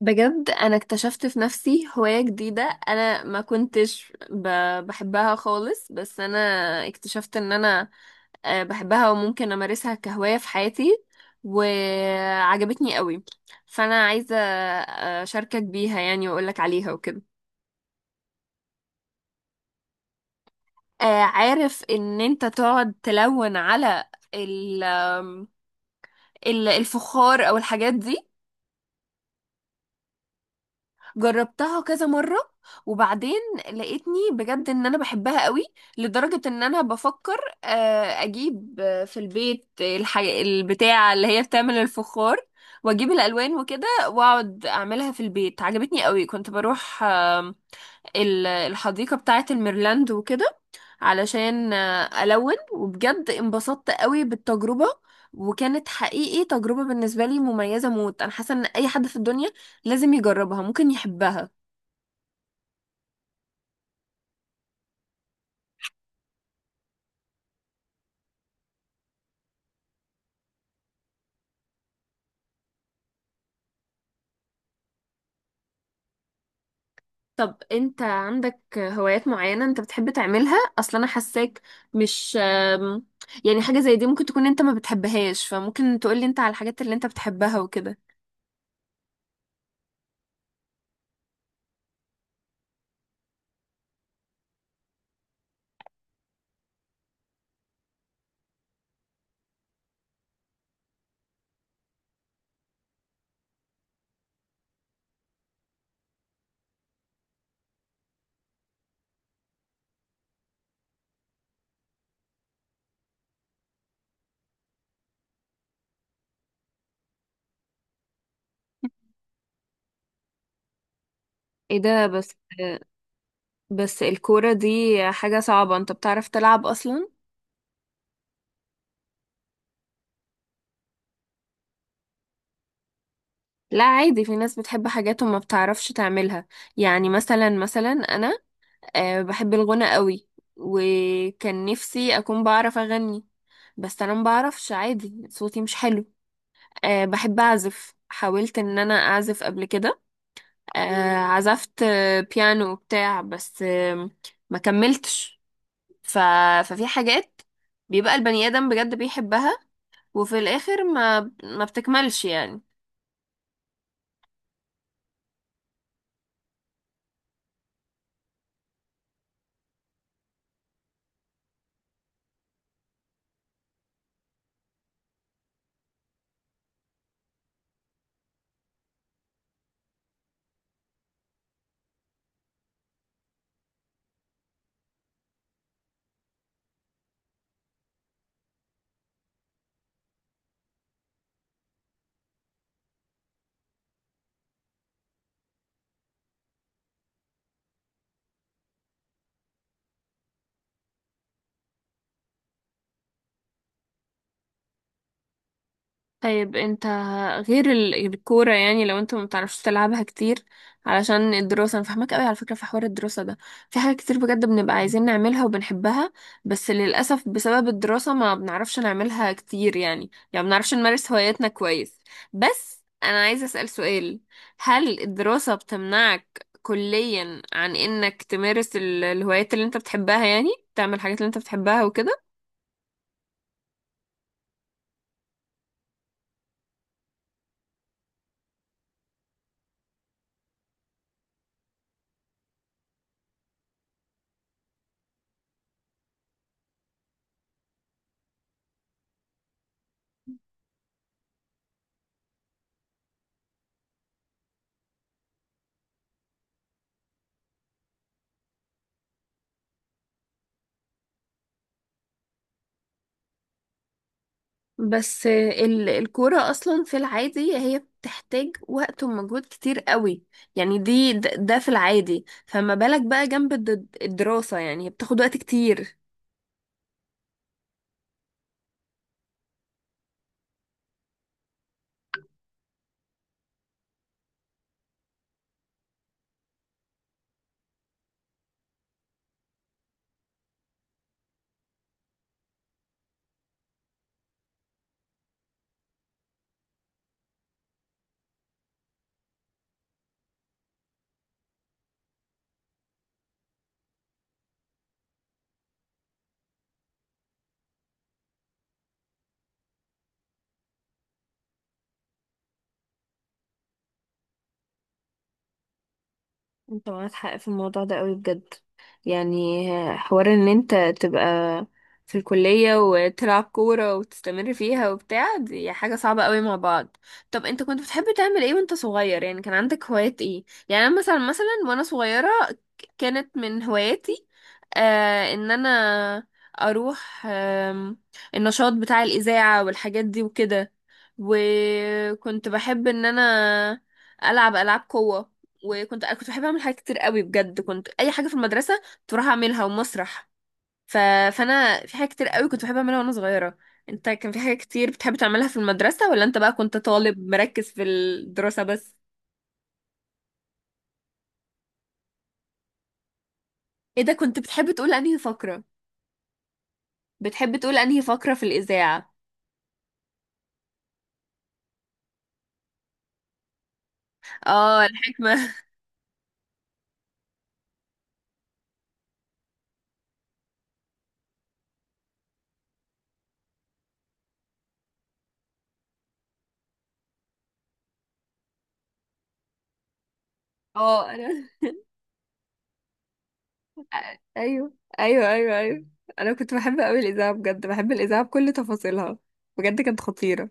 بجد انا اكتشفت في نفسي هواية جديدة. انا ما كنتش ب... بحبها خالص، بس انا اكتشفت ان انا بحبها وممكن امارسها كهواية في حياتي، وعجبتني قوي. فانا عايزة اشاركك بيها، يعني واقولك عليها وكده. عارف ان انت تقعد تلون على ال... آم، الفخار او الحاجات دي. جربتها كذا مرة وبعدين لقيتني بجد ان انا بحبها قوي، لدرجة ان انا بفكر اجيب في البيت البتاع اللي هي بتعمل الفخار، واجيب الالوان وكده واقعد اعملها في البيت. عجبتني قوي. كنت بروح الحديقة بتاعة الميرلاند وكده علشان ألون، وبجد انبسطت قوي بالتجربة، وكانت حقيقي تجربة بالنسبة لي مميزة موت. أنا حاسة إن أي حد في الدنيا لازم يجربها، ممكن يحبها. طب أنت عندك هوايات معينة أنت بتحب تعملها أصلا؟ أنا حاساك مش يعني حاجة زي دي ممكن تكون أنت ما بتحبهاش، فممكن تقولي أنت على الحاجات اللي أنت بتحبها وكده. ايه ده بس! بس الكورة دي حاجة صعبة، انت بتعرف تلعب اصلا؟ لا، عادي، في ناس بتحب حاجات وما بتعرفش تعملها. يعني مثلا انا بحب الغنى قوي، وكان نفسي اكون بعرف اغني، بس انا ما بعرفش، عادي، صوتي مش حلو. بحب اعزف، حاولت ان انا اعزف قبل كده. عزفت بيانو وبتاع، بس ما كملتش. ف... ففي حاجات بيبقى البني ادم بجد بيحبها، وفي الاخر ما بتكملش يعني. طيب انت، غير الكورة، يعني لو انت ما بتعرفش تلعبها كتير علشان الدراسة، انا فاهمك قوي. على فكرة في حوار الدراسة ده، في حاجات كتير بجد بنبقى عايزين نعملها وبنحبها، بس للأسف بسبب الدراسة ما بنعرفش نعملها كتير، يعني ما بنعرفش نمارس هواياتنا كويس. بس انا عايزة أسأل سؤال: هل الدراسة بتمنعك كليا عن انك تمارس الهوايات اللي انت بتحبها، يعني تعمل الحاجات اللي انت بتحبها وكده؟ بس الكورة أصلا في العادي هي بتحتاج وقت ومجهود كتير قوي، يعني دي ده في العادي، فما بالك بقى جنب الدراسة، يعني هي بتاخد وقت كتير. انت معاك حق في الموضوع ده قوي بجد، يعني حوار ان انت تبقى في الكلية وتلعب كورة وتستمر فيها وبتاع، دي حاجة صعبة قوي مع بعض. طب انت كنت بتحب تعمل ايه وانت صغير؟ يعني كان عندك هوايات ايه؟ يعني انا مثلا وانا صغيرة، كانت من هواياتي آه ان انا اروح النشاط بتاع الإذاعة والحاجات دي وكده، وكنت بحب ان انا العب العاب قوة، وكنت أنا كنت بحب اعمل حاجات كتير قوي بجد، كنت اي حاجه في المدرسه كنت بروح اعملها، ومسرح. ف... فانا في حاجات كتير قوي كنت بحب اعملها وانا صغيره. انت كان في حاجات كتير بتحب تعملها في المدرسه، ولا انت بقى كنت طالب مركز في الدراسه بس؟ ايه ده! كنت بتحب تقول انهي فقره؟ بتحب تقول انهي فقره في الاذاعه؟ اه، الحكمه. اه، انا ايوه، ايوه، ايوه، ايوه، انا كنت بحب قوي الاذاعه، بجد بحب الاذاعه بكل تفاصيلها، بجد كانت خطيره.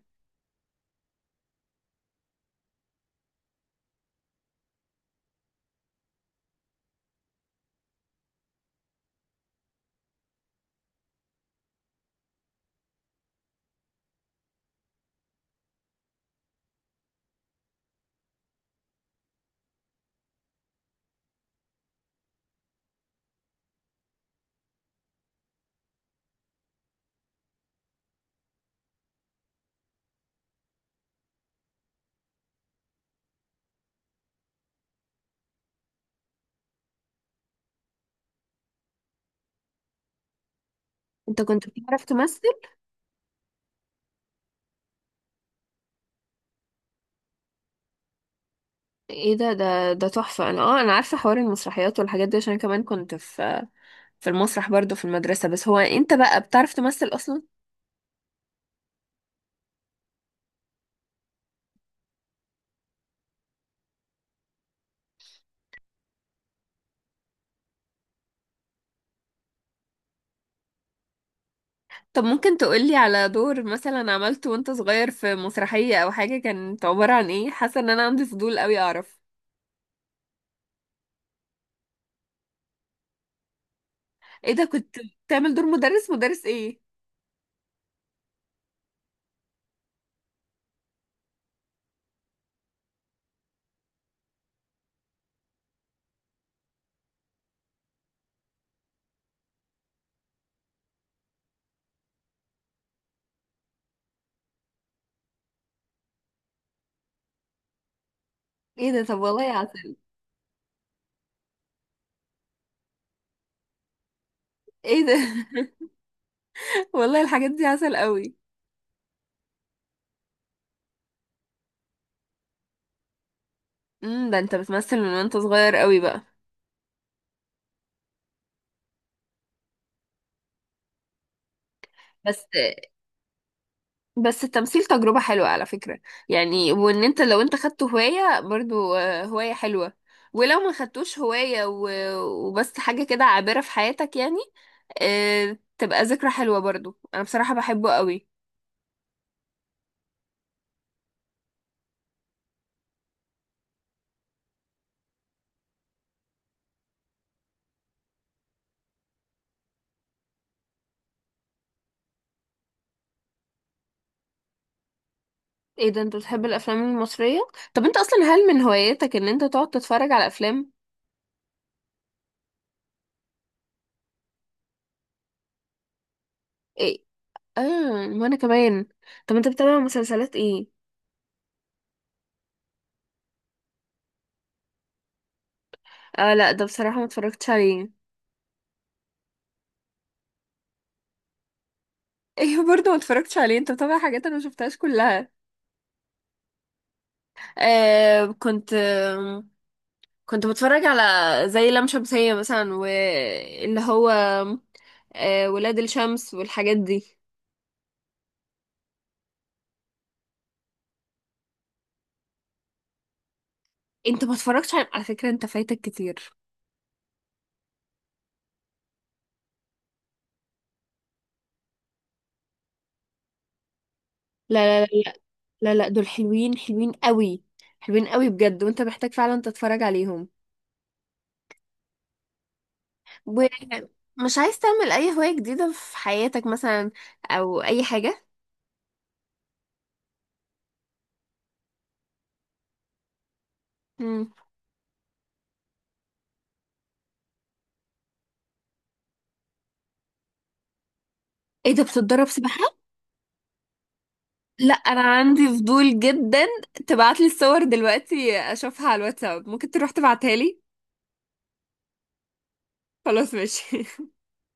انت كنت بتعرف تمثل؟ ايه ده، تحفة! انا انا عارفة حوار المسرحيات والحاجات دي، عشان كمان كنت في المسرح برضو في المدرسة. بس هو انت بقى بتعرف تمثل اصلا؟ طب ممكن تقولي على دور مثلا عملته وانت صغير في مسرحية او حاجة؟ كانت عبارة عن ايه؟ حاسة ان انا عندي فضول قوي اعرف. ايه ده! كنت بتعمل دور مدرس؟ مدرس ايه؟ ايه ده، طب والله عسل. ايه ده! والله الحاجات دي عسل قوي. ده انت بتمثل من وانت صغير قوي بقى. بس التمثيل تجربة حلوة على فكرة، يعني وان انت لو انت خدته هواية برضو، هواية حلوة. ولو ما خدتوش هواية وبس حاجة كده عابرة في حياتك، يعني تبقى ذكرى حلوة برضو. انا بصراحة بحبه قوي. ايه ده، انت بتحب الافلام المصرية؟ طب انت اصلا هل من هواياتك ان انت تقعد تتفرج على افلام؟ ايه، اه، وانا كمان. طب انت بتتابع مسلسلات ايه؟ اه لا، ده بصراحة ما اتفرجتش عليه. ايوه، برضو ما اتفرجتش عليه. انت بتابع حاجات انا ما شفتهاش كلها. آه كنت آه كنت بتفرج على زي لام شمسية مثلا، واللي هو ولاد الشمس والحاجات دي. انت ما اتفرجتش. على فكرة انت فايتك كتير. لا، لا، لا، لا، لا، لا، دول حلوين، حلوين قوي، حلوين قوي بجد، وانت محتاج فعلا تتفرج عليهم. ومش عايز تعمل اي هواية جديدة في حياتك مثلا، او اي حاجة؟ مم. ايه ده، بتتدرب سباحة؟ لا انا عندي فضول جدا، تبعتلي الصور دلوقتي اشوفها على الواتساب، ممكن تروح تبعتها لي؟ خلاص ماشي.